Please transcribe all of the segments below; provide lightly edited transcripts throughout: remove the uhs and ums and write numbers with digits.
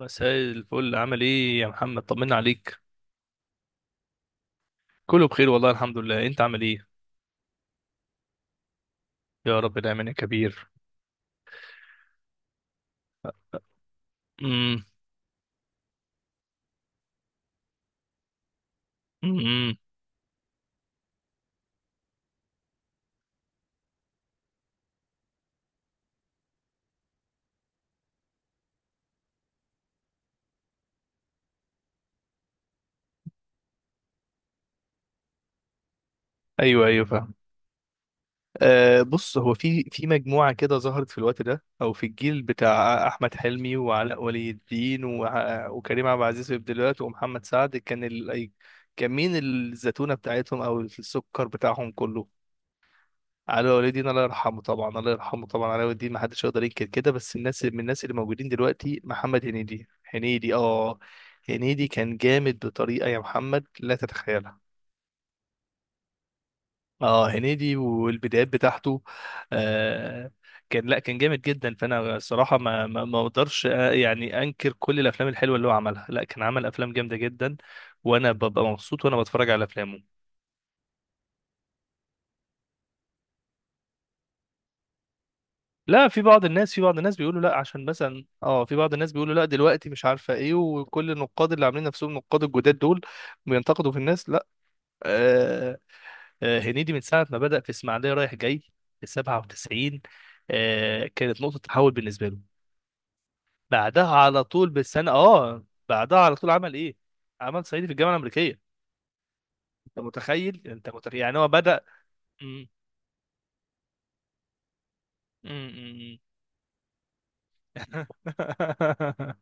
مساء الفل، عامل ايه يا محمد؟ طمنا عليك. كله بخير والله، الحمد لله. انت عامل ايه؟ يا رب دايما يا كبير. امم. امم. ايوه ايوه، فاهم. بص، هو في مجموعه كده ظهرت في الوقت ده، او في الجيل بتاع احمد حلمي وعلاء ولي الدين وكريم عبد العزيز في بداياته، ومحمد سعد كان كان مين الزتونه بتاعتهم او السكر بتاعهم كله؟ علي وليدين الله يرحمه طبعا، الله يرحمه طبعا. علي وليدين ما حدش يقدر ينكر كده. بس من الناس اللي موجودين دلوقتي، محمد هنيدي. هنيدي، اه. هنيدي كان جامد بطريقة يا محمد لا تتخيلها. اه، هنيدي والبدايات بتاعته. آه. لا كان جامد جدا. فانا الصراحة ما اقدرش، يعني، انكر كل الافلام الحلوة اللي هو عملها. لا، كان عمل افلام جامدة جدا، وانا ببقى مبسوط وانا بتفرج على افلامه. لا، في بعض الناس بيقولوا لا، عشان مثلا في بعض الناس بيقولوا لا دلوقتي، مش عارفه ايه، وكل النقاد اللي عاملين نفسهم نقاد الجداد دول بينتقدوا في الناس. لا، آه. آه. هنيدي من ساعه ما بدأ في اسماعيليه رايح جاي في 97، آه كانت نقطه تحول بالنسبه له. بعدها على طول، بالسنه، بعدها على طول عمل ايه؟ عمل صعيدي في الجامعه الامريكيه. انت متخيل؟ انت متخيل؟ يعني هو بدأ. م- م- م- م.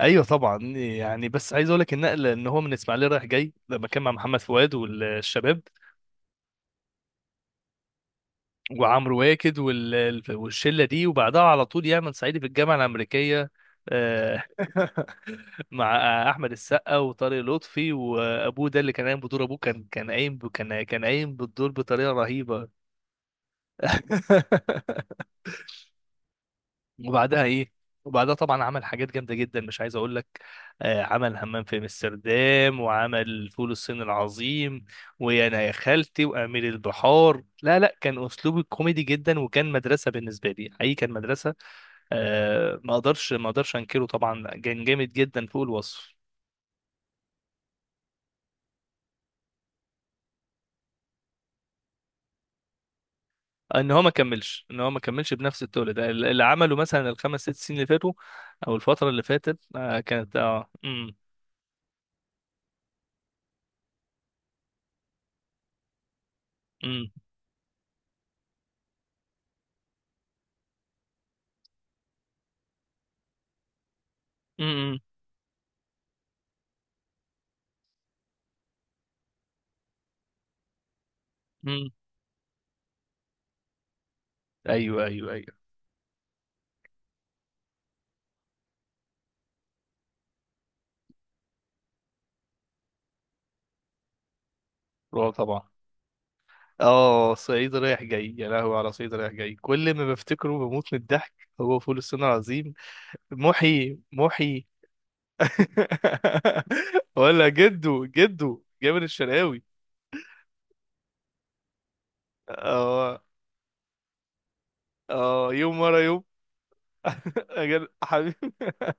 ايوه طبعا، يعني بس عايز اقول لك النقل، ان هو من الاسماعيليه رايح جاي لما كان مع محمد فؤاد والشباب وعمرو واكد والشله دي، وبعدها على طول يعمل صعيدي في الجامعه الامريكيه. آه، مع احمد السقا وطارق لطفي وابوه. ده اللي كان قايم بدور ابوه، كان قايم كان قايم بالدور بطريقه رهيبه. وبعدها ايه؟ وبعدها طبعا عمل حاجات جامده جدا مش عايز اقول لك. آه، عمل همام في امستردام، وعمل فول الصين العظيم، ويا انا يا خالتي، وامير البحار. لا لا، كان اسلوبه كوميدي جدا، وكان مدرسه بالنسبه لي، حقيقي كان مدرسه. آه، ما اقدرش ما اقدرش انكره. طبعا كان جامد جدا فوق الوصف. آه، ان هو ما كملش ان هو ما كملش بنفس التقل ده اللي عمله مثلا، الخمس ست سنين اللي فاتوا، او الفتره اللي فاتت. آه كانت، امم. امم. امم. ايوه ايوه ايوه. رعب طبعا. اه، صعيدي رايح جاي. يا لهوي على صعيدي رايح جاي، كل ما بفتكره بموت من الضحك. هو فول الصين العظيم. محي محي. ولا جدو جدو جابر الشرقاوي. اه اه، يوم ورا يوم. أجل حبيبي.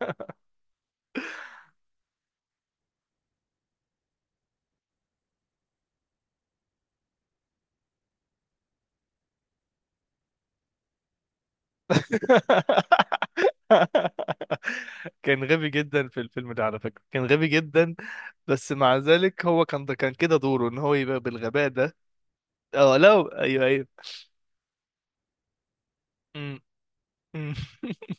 كان غبي جدا في الفيلم ده على فكرة، كان غبي جدا. بس مع ذلك هو كان كده دوره، ان هو يبقى بالغباء ده. اه لا، ايوه ايوه. مم.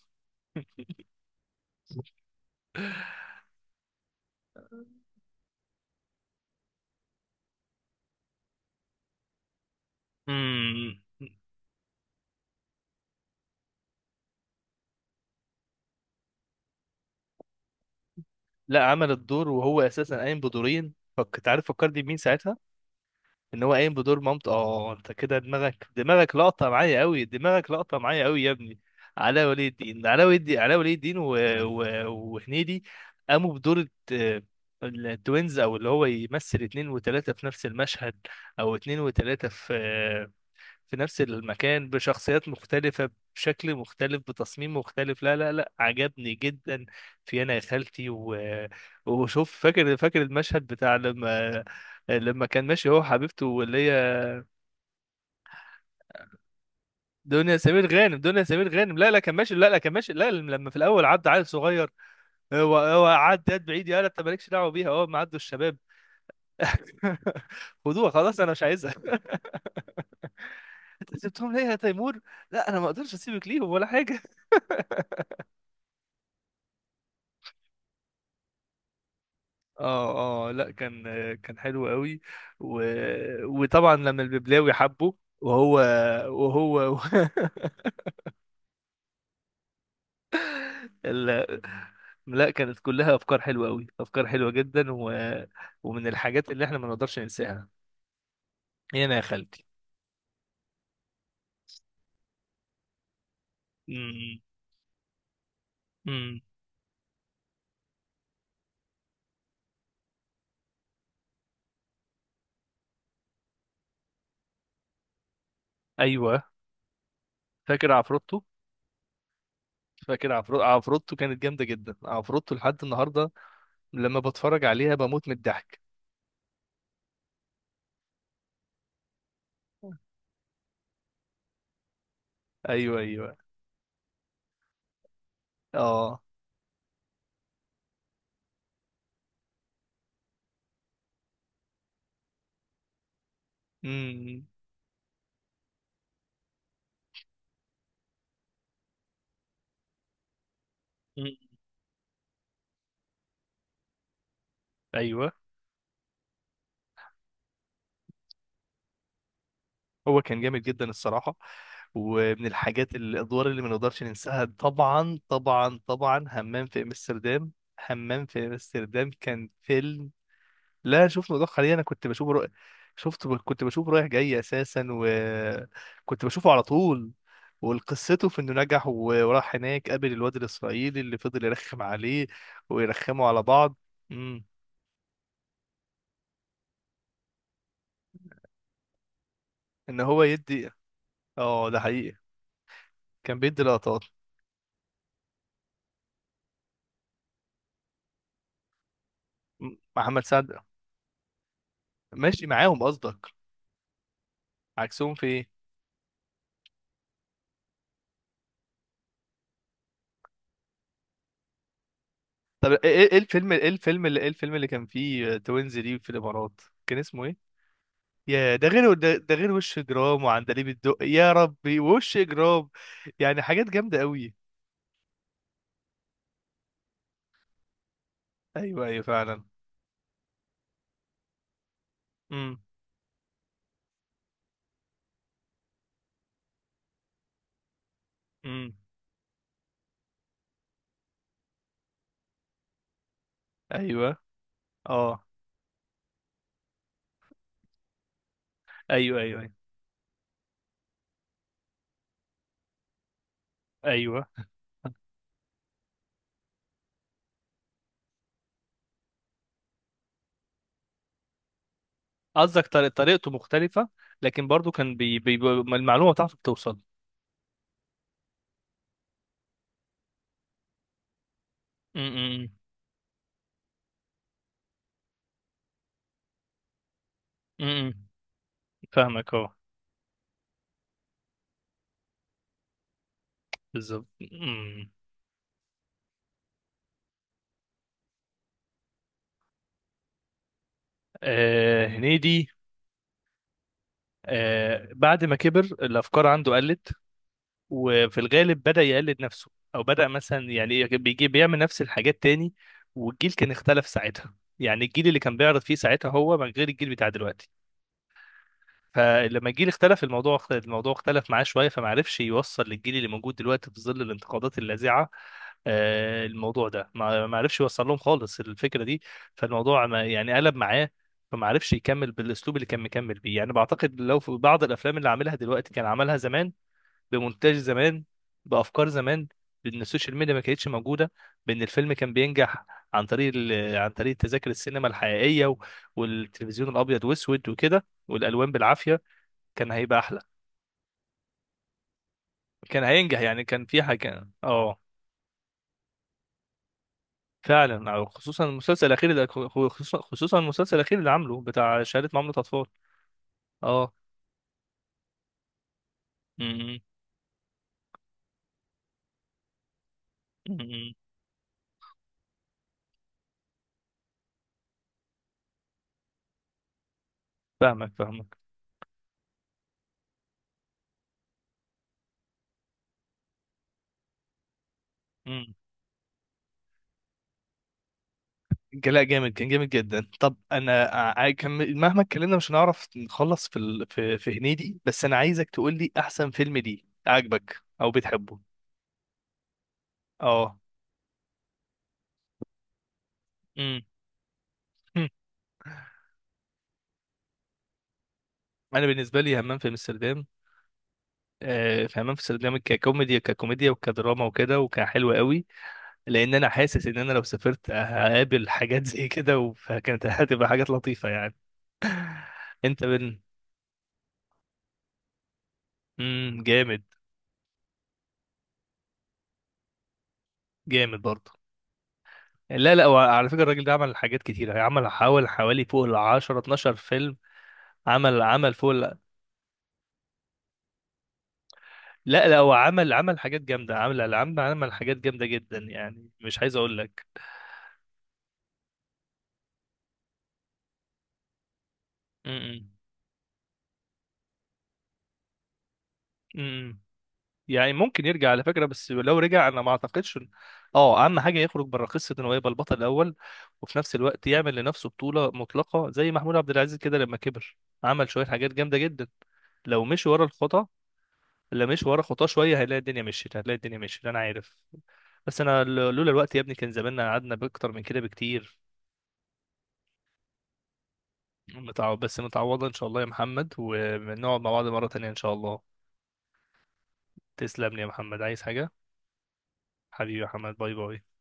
مم. لا، عمل الدور وهو اساسا قايم بدورين، فكنت عارف. فكرني بمين ساعتها، ان هو قايم بدور مامته. اه، انت كده دماغك، دماغك لقطه معايا قوي، دماغك لقطه معايا قوي يا ابني. علاء ولي الدين، علاء ولي الدين، علاء ولي الدين، و... وهنيدي قاموا بدور التوينز، او اللي هو يمثل اتنين وتلاته في نفس المشهد، او اتنين وتلاته في في نفس المكان، بشخصيات مختلفة، بشكل مختلف، بتصميم مختلف. لا لا لا، عجبني جدا. في أنا يا خالتي وشوف، فاكر فاكر المشهد بتاع لما كان ماشي، هو حبيبته واللي هي دنيا سمير غانم، دنيا سمير غانم. لا لا كان ماشي، لا لا كان ماشي، لا لما في الأول عدى عيل صغير. هو عدى يد بعيد، يا لا أنت مالكش دعوة بيها، هو ما عدوا الشباب. خدوها، خلاص أنا مش عايزها. أنت سبتهم ليه يا تيمور؟ لا أنا ما أقدرش أسيبك ليهم ولا حاجة. اه اه، لا كان، كان حلو قوي و... وطبعا لما الببلاوي حبه، وهو وهو ال... لا، كانت كلها افكار حلوه قوي، افكار حلوه جدا. ومن الحاجات اللي احنا ما نقدرش ننساها، هنا يا خالتي. امم. أمم. ايوه، فاكر عفروتو. فاكر عفروتو كانت جامده جدا. عفروتو لحد النهارده لما بتفرج عليها بموت من الضحك. ايوه ايوه. اه امم. أمم. ايوه. هو كان جامد جدا الصراحة. ومن الحاجات الأدوار اللي ما نقدرش ننساها، طبعا طبعا طبعا، همام في أمستردام. همام في أمستردام كان فيلم. لا، شفته متأخر عليه. أنا كنت بشوفه، شفته كنت بشوفه رايح جاي أساسا، وكنت بشوفه على طول. وقصته في انه نجح وراح هناك، قابل الواد الاسرائيلي اللي فضل يرخم عليه، ويرخموا على بعض. امم. ان هو يدي. اه ده حقيقي، كان بيدي لقطات. محمد سعد ماشي معاهم قصدك؟ عكسهم في ايه؟ طب ايه ايه إيه الفيلم ايه الفيلم اللي ايه الفيلم اللي كان فيه توينز دي في الامارات، كان اسمه ايه؟ يا ده غير ده، ده غير، وش جرام، وعندليب الدق، يا ربي، وش جرام. يعني حاجات جامده قوي. ايوه ايوه، فعلا. امم. امم. ايوه، اه ايوه ايوه ايوه ايوه. قصدك طريقته مختلفه، لكن برضو كان المعلومه بتاعته بتوصل. امم. امم. أمم. امم. فاهمك، اه. بالظبط، امم. آه، هنيدي. آه، بعد ما كبر الافكار عنده قلت، وفي الغالب بدأ يقلد نفسه، او بدأ مثلا يعني، إيه، بيجي بيعمل نفس الحاجات تاني. والجيل كان اختلف ساعتها، يعني الجيل اللي كان بيعرض فيه ساعتها هو من غير الجيل بتاع دلوقتي. فلما الجيل اختلف، الموضوع اختلف معاه شويه، فما عرفش يوصل للجيل اللي موجود دلوقتي في ظل الانتقادات اللاذعه. آه، الموضوع ده ما عرفش يوصل لهم خالص الفكره دي. فالموضوع ما يعني قلب معاه، فما عرفش يكمل بالاسلوب اللي كان مكمل بيه. يعني بعتقد لو في بعض الافلام اللي عاملها دلوقتي كان عملها زمان، بمونتاج زمان، بافكار زمان، بان السوشيال ميديا ما كانتش موجوده، بان الفيلم كان بينجح عن طريق عن طريق تذاكر السينما الحقيقيه، والتلفزيون الابيض واسود وكده، والالوان بالعافيه، كان هيبقى احلى، كان هينجح يعني. كان في حاجه اه فعلا، أو خصوصا المسلسل الاخير ده. خصوصا، خصوصا المسلسل الاخير اللي عامله، بتاع شهاده معامله اطفال. اه. م- م- م- فاهمك فاهمك. م. لا، جامد، كان جامد جدا. طب انا، مهما اتكلمنا مش هنعرف نخلص في في هنيدي. بس انا عايزك تقول لي احسن فيلم ليه عاجبك او بتحبه. اه. م. م. انا بالنسبه لي همام في امستردام. آه، في همام في امستردام، ككوميديا ككوميديا وكدراما وكده، وكان حلو قوي. لان انا حاسس ان انا لو سافرت هقابل حاجات زي كده، فكانت هتبقى حاجات لطيفه يعني. انت بن امم، جامد. جامد برضه. لا لا، هو على فكره الراجل ده عمل حاجات كتيره، عمل حوالي فوق ال 10 12 فيلم. عمل، فوق لا لا، هو عمل حاجات جامده، عمل حاجات جامده جدا، يعني مش عايز اقول لك. امم. يعني ممكن يرجع على فكرة، بس لو رجع انا ما اعتقدش اه، اهم حاجة يخرج بره قصة انه يبقى البطل الاول، وفي نفس الوقت يعمل لنفسه بطولة مطلقة زي محمود عبد العزيز كده لما كبر، عمل شوية حاجات جامدة جدا. لو مشي ورا الخطا، لو مشي ورا خطاه شوية، هيلاقي الدنيا مشيت، هتلاقي الدنيا مشيت، انا عارف. بس انا، لولا الوقت يا ابني كان زماننا قعدنا باكتر من كده بكتير. بس متعوضة ان شاء الله يا محمد، ونقعد مع بعض مرة تانية ان شاء الله. تسلم لي يا محمد، عايز حاجة؟ حبيبي يا محمد، باي باي.